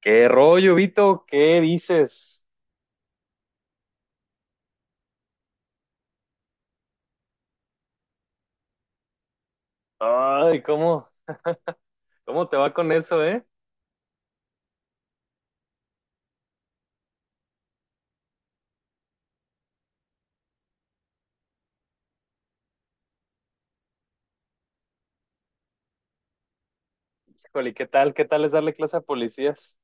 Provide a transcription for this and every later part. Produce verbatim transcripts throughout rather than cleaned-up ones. ¿Qué rollo, Vito? ¿Qué dices? Ay, ¿cómo, cómo te va con eso, eh? Híjole, ¿qué tal? ¿Qué tal es darle clase a policías?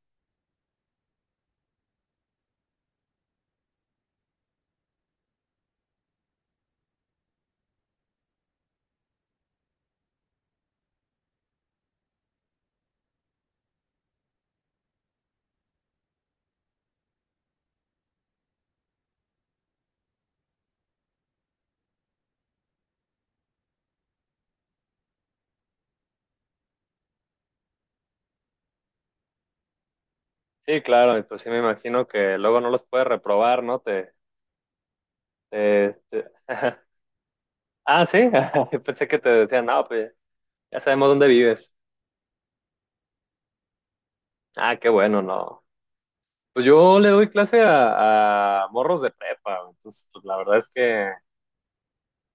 Sí, claro, y pues sí me imagino que luego no los puedes reprobar, ¿no? Te, te- te- Ah, sí, yo pensé que te decían, no, pues ya sabemos dónde vives. Ah, qué bueno, no. Pues yo le doy clase a, a morros de prepa, entonces pues la verdad es que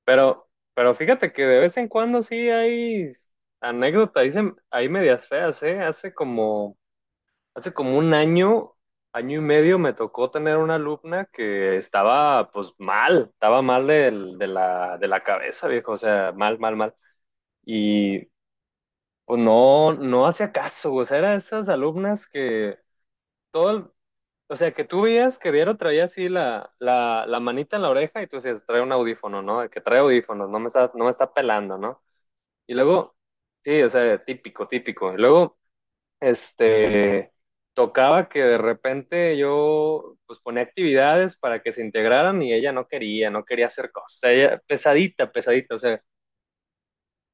Pero, pero fíjate que de vez en cuando sí hay anécdotas, ahí, se- ahí medias feas, ¿eh? Hace como, hace como un año, año y medio me tocó tener una alumna que estaba pues mal, estaba mal del- de la, de la cabeza, viejo, o sea, mal, mal, mal. Y pues no, no hacía caso, o sea, eran esas alumnas que todo, el- o sea, que tú veías que diario traía así la, la, la manita en la oreja y tú decías, trae un audífono, ¿no? El que trae audífonos, no me está, no me está pelando, ¿no? Y luego, sí, o sea, típico, típico. Y luego, este, tocaba que de repente yo, pues ponía actividades para que se integraran y ella no quería, no quería hacer cosas. Ella, pesadita, pesadita, o sea,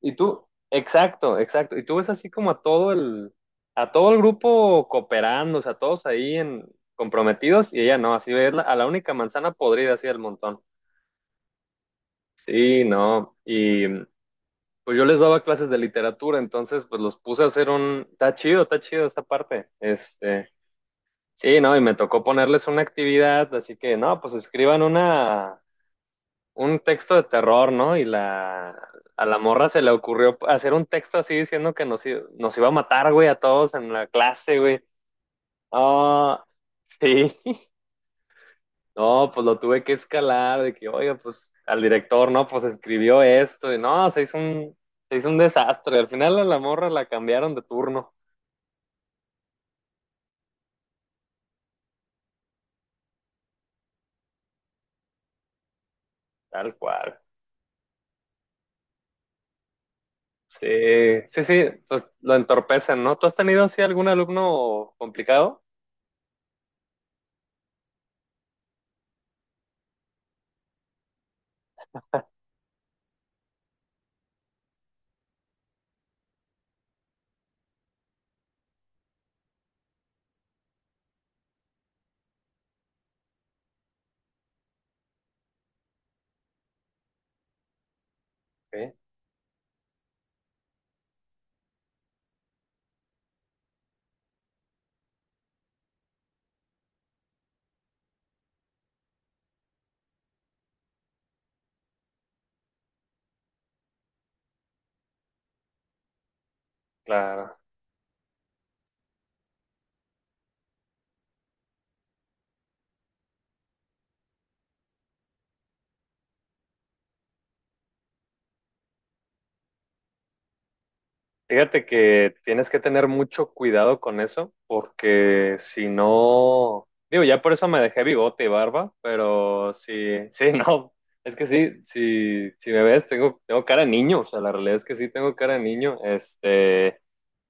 y tú, exacto, exacto. Y tú ves así como a todo el, a todo el grupo cooperando, o sea, todos ahí en, comprometidos y ella no, así verla a la única manzana podrida así del montón. Sí, no. Y pues yo les daba clases de literatura, entonces pues los puse a hacer un... Está chido, está chido esa parte. Este, sí, no, y me tocó ponerles una actividad, así que no, pues escriban una, un texto de terror, ¿no? Y la, a la morra se le ocurrió hacer un texto así diciendo que nos, i- nos iba a matar, güey, a todos en la clase, güey. Ah, sí, no, pues lo tuve que escalar, de que, oiga, pues al director, no, pues escribió esto, y no, se hizo un, se hizo un desastre. Al final a la morra la cambiaron de turno, tal cual. Sí, sí, sí, pues lo entorpecen, ¿no? ¿Tú has tenido así algún alumno complicado? Sí, claro. Fíjate que tienes que tener mucho cuidado con eso, porque si no, digo, ya por eso me dejé bigote y barba, pero sí, sí, no, es que sí, sí, si me ves, tengo, tengo cara de niño, o sea, la realidad es que sí tengo cara de niño, este,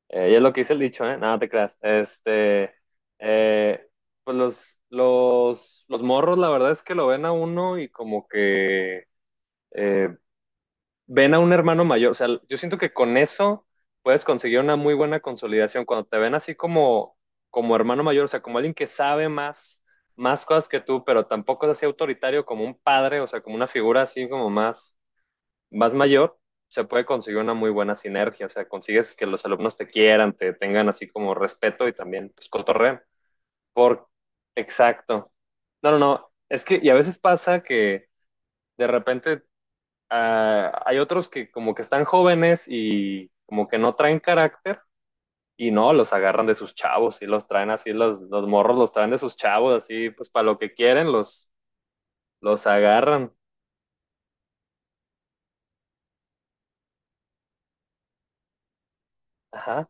eh, y es lo que dice el dicho, ¿eh? Nada no te creas, este, eh, pues los, los, los morros, la verdad es que lo ven a uno y como que eh, ven a un hermano mayor. O sea, yo siento que con eso puedes conseguir una muy buena consolidación. Cuando te ven así como, como hermano mayor, o sea, como alguien que sabe más, más cosas que tú, pero tampoco es así autoritario como un padre, o sea, como una figura así como más, más mayor, se puede conseguir una muy buena sinergia. O sea, consigues que los alumnos te quieran, te tengan así como respeto y también pues cotorreen. Por... Exacto. No, no, no. Es que, y a veces pasa que de repente ah, hay otros que como que están jóvenes y como que no traen carácter y no, los agarran de sus chavos y los traen así, los, los morros los traen de sus chavos, así pues para lo que quieren los, los agarran. Ajá,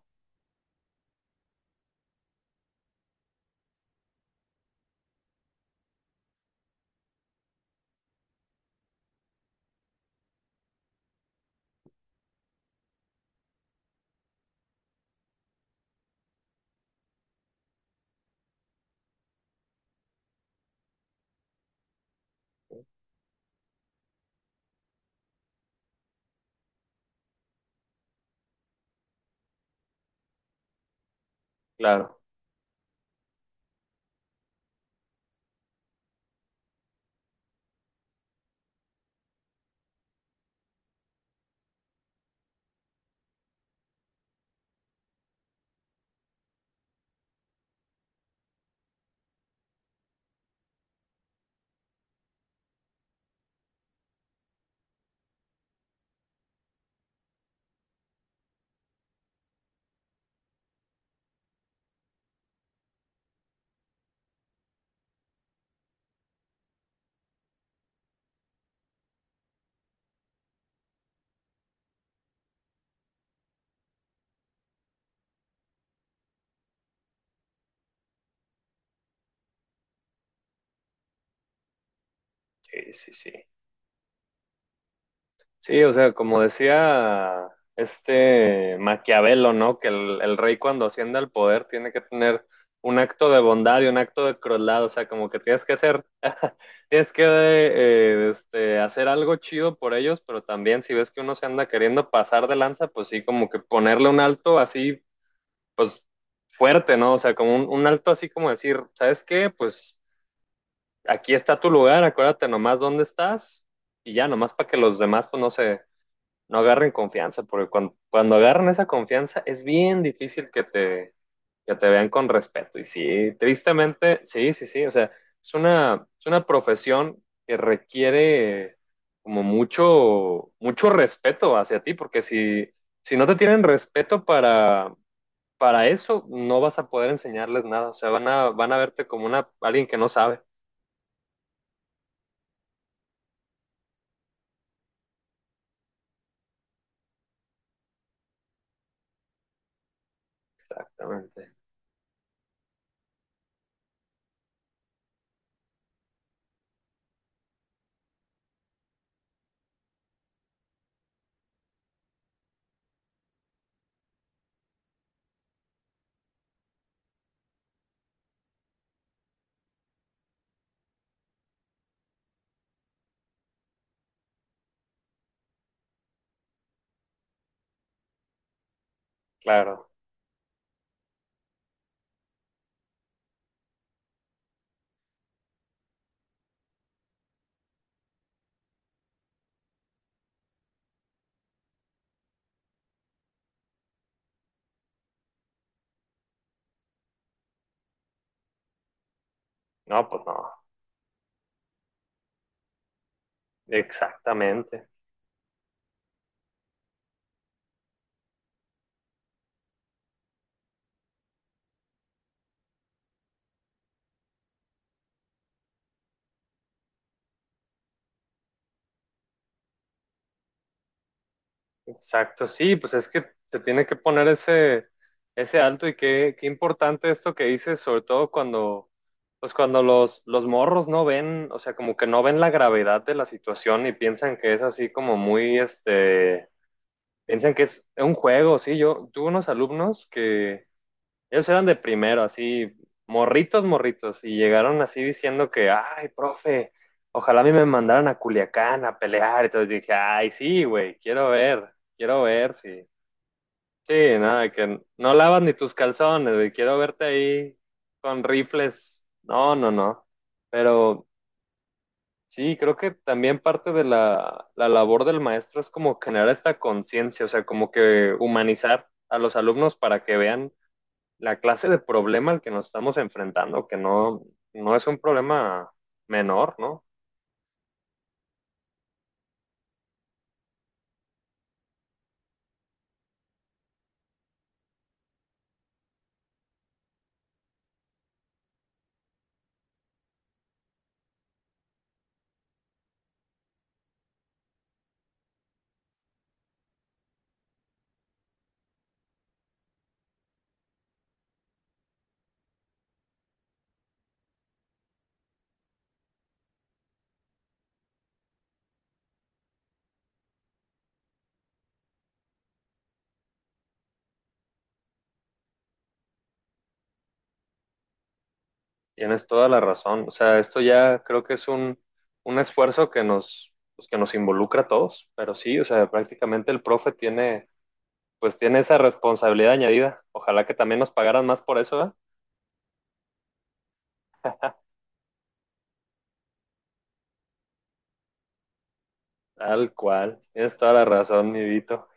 claro. Sí, sí, sí. Sí, o sea, como decía este Maquiavelo, ¿no? Que el, el rey cuando asciende al poder tiene que tener un acto de bondad y un acto de crueldad, o sea, como que tienes que hacer, tienes que eh, este, hacer algo chido por ellos, pero también si ves que uno se anda queriendo pasar de lanza, pues sí, como que ponerle un alto así, pues fuerte, ¿no? O sea, como un, un alto así como decir, ¿sabes qué? Pues aquí está tu lugar, acuérdate nomás dónde estás y ya, nomás para que los demás, pues no sé no agarren confianza, porque cuando, cuando agarran esa confianza es bien difícil que te, que te vean con respeto. Y sí, tristemente, sí, sí, sí, o sea, es una, es una profesión que requiere como mucho, mucho respeto hacia ti, porque si, si no te tienen respeto para, para eso, no vas a poder enseñarles nada, o sea, van a, van a verte como una, alguien que no sabe. Exactamente, claro, no, pues no, exactamente. Exacto, sí, pues es que te tiene que poner ese, ese alto y qué, qué importante esto que dices, sobre todo cuando, pues cuando los, los morros no ven, o sea, como que no ven la gravedad de la situación y piensan que es así como muy, este, piensan que es un juego, sí, yo tuve unos alumnos que ellos eran de primero, así, morritos, morritos, y llegaron así diciendo que, ay, profe, ojalá a mí me mandaran a Culiacán a pelear. Entonces dije, ay, sí, güey, quiero ver, quiero ver, sí. Sí, nada, que no lavas ni tus calzones, güey, quiero verte ahí con rifles. No, no, no. Pero sí, creo que también parte de la, la labor del maestro es como generar esta conciencia, o sea, como que humanizar a los alumnos para que vean la clase de problema al que nos estamos enfrentando, que no, no es un problema menor, ¿no? Tienes toda la razón. O sea, esto ya creo que es un, un esfuerzo que nos, pues, que nos involucra a todos, pero sí, o sea, prácticamente el profe tiene, pues tiene esa responsabilidad añadida. Ojalá que también nos pagaran más por eso, ¿eh? Tal cual. Tienes toda la razón, mi Vito.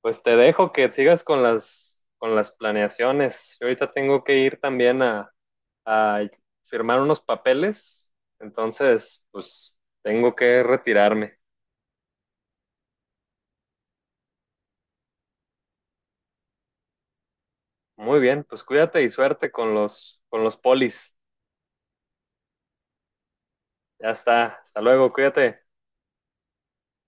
Pues te dejo que sigas con las, con las planeaciones. Yo ahorita tengo que ir también a, a firmar unos papeles, entonces pues tengo que retirarme. Muy bien, pues cuídate y suerte con los, con los polis. Ya está, hasta luego, cuídate.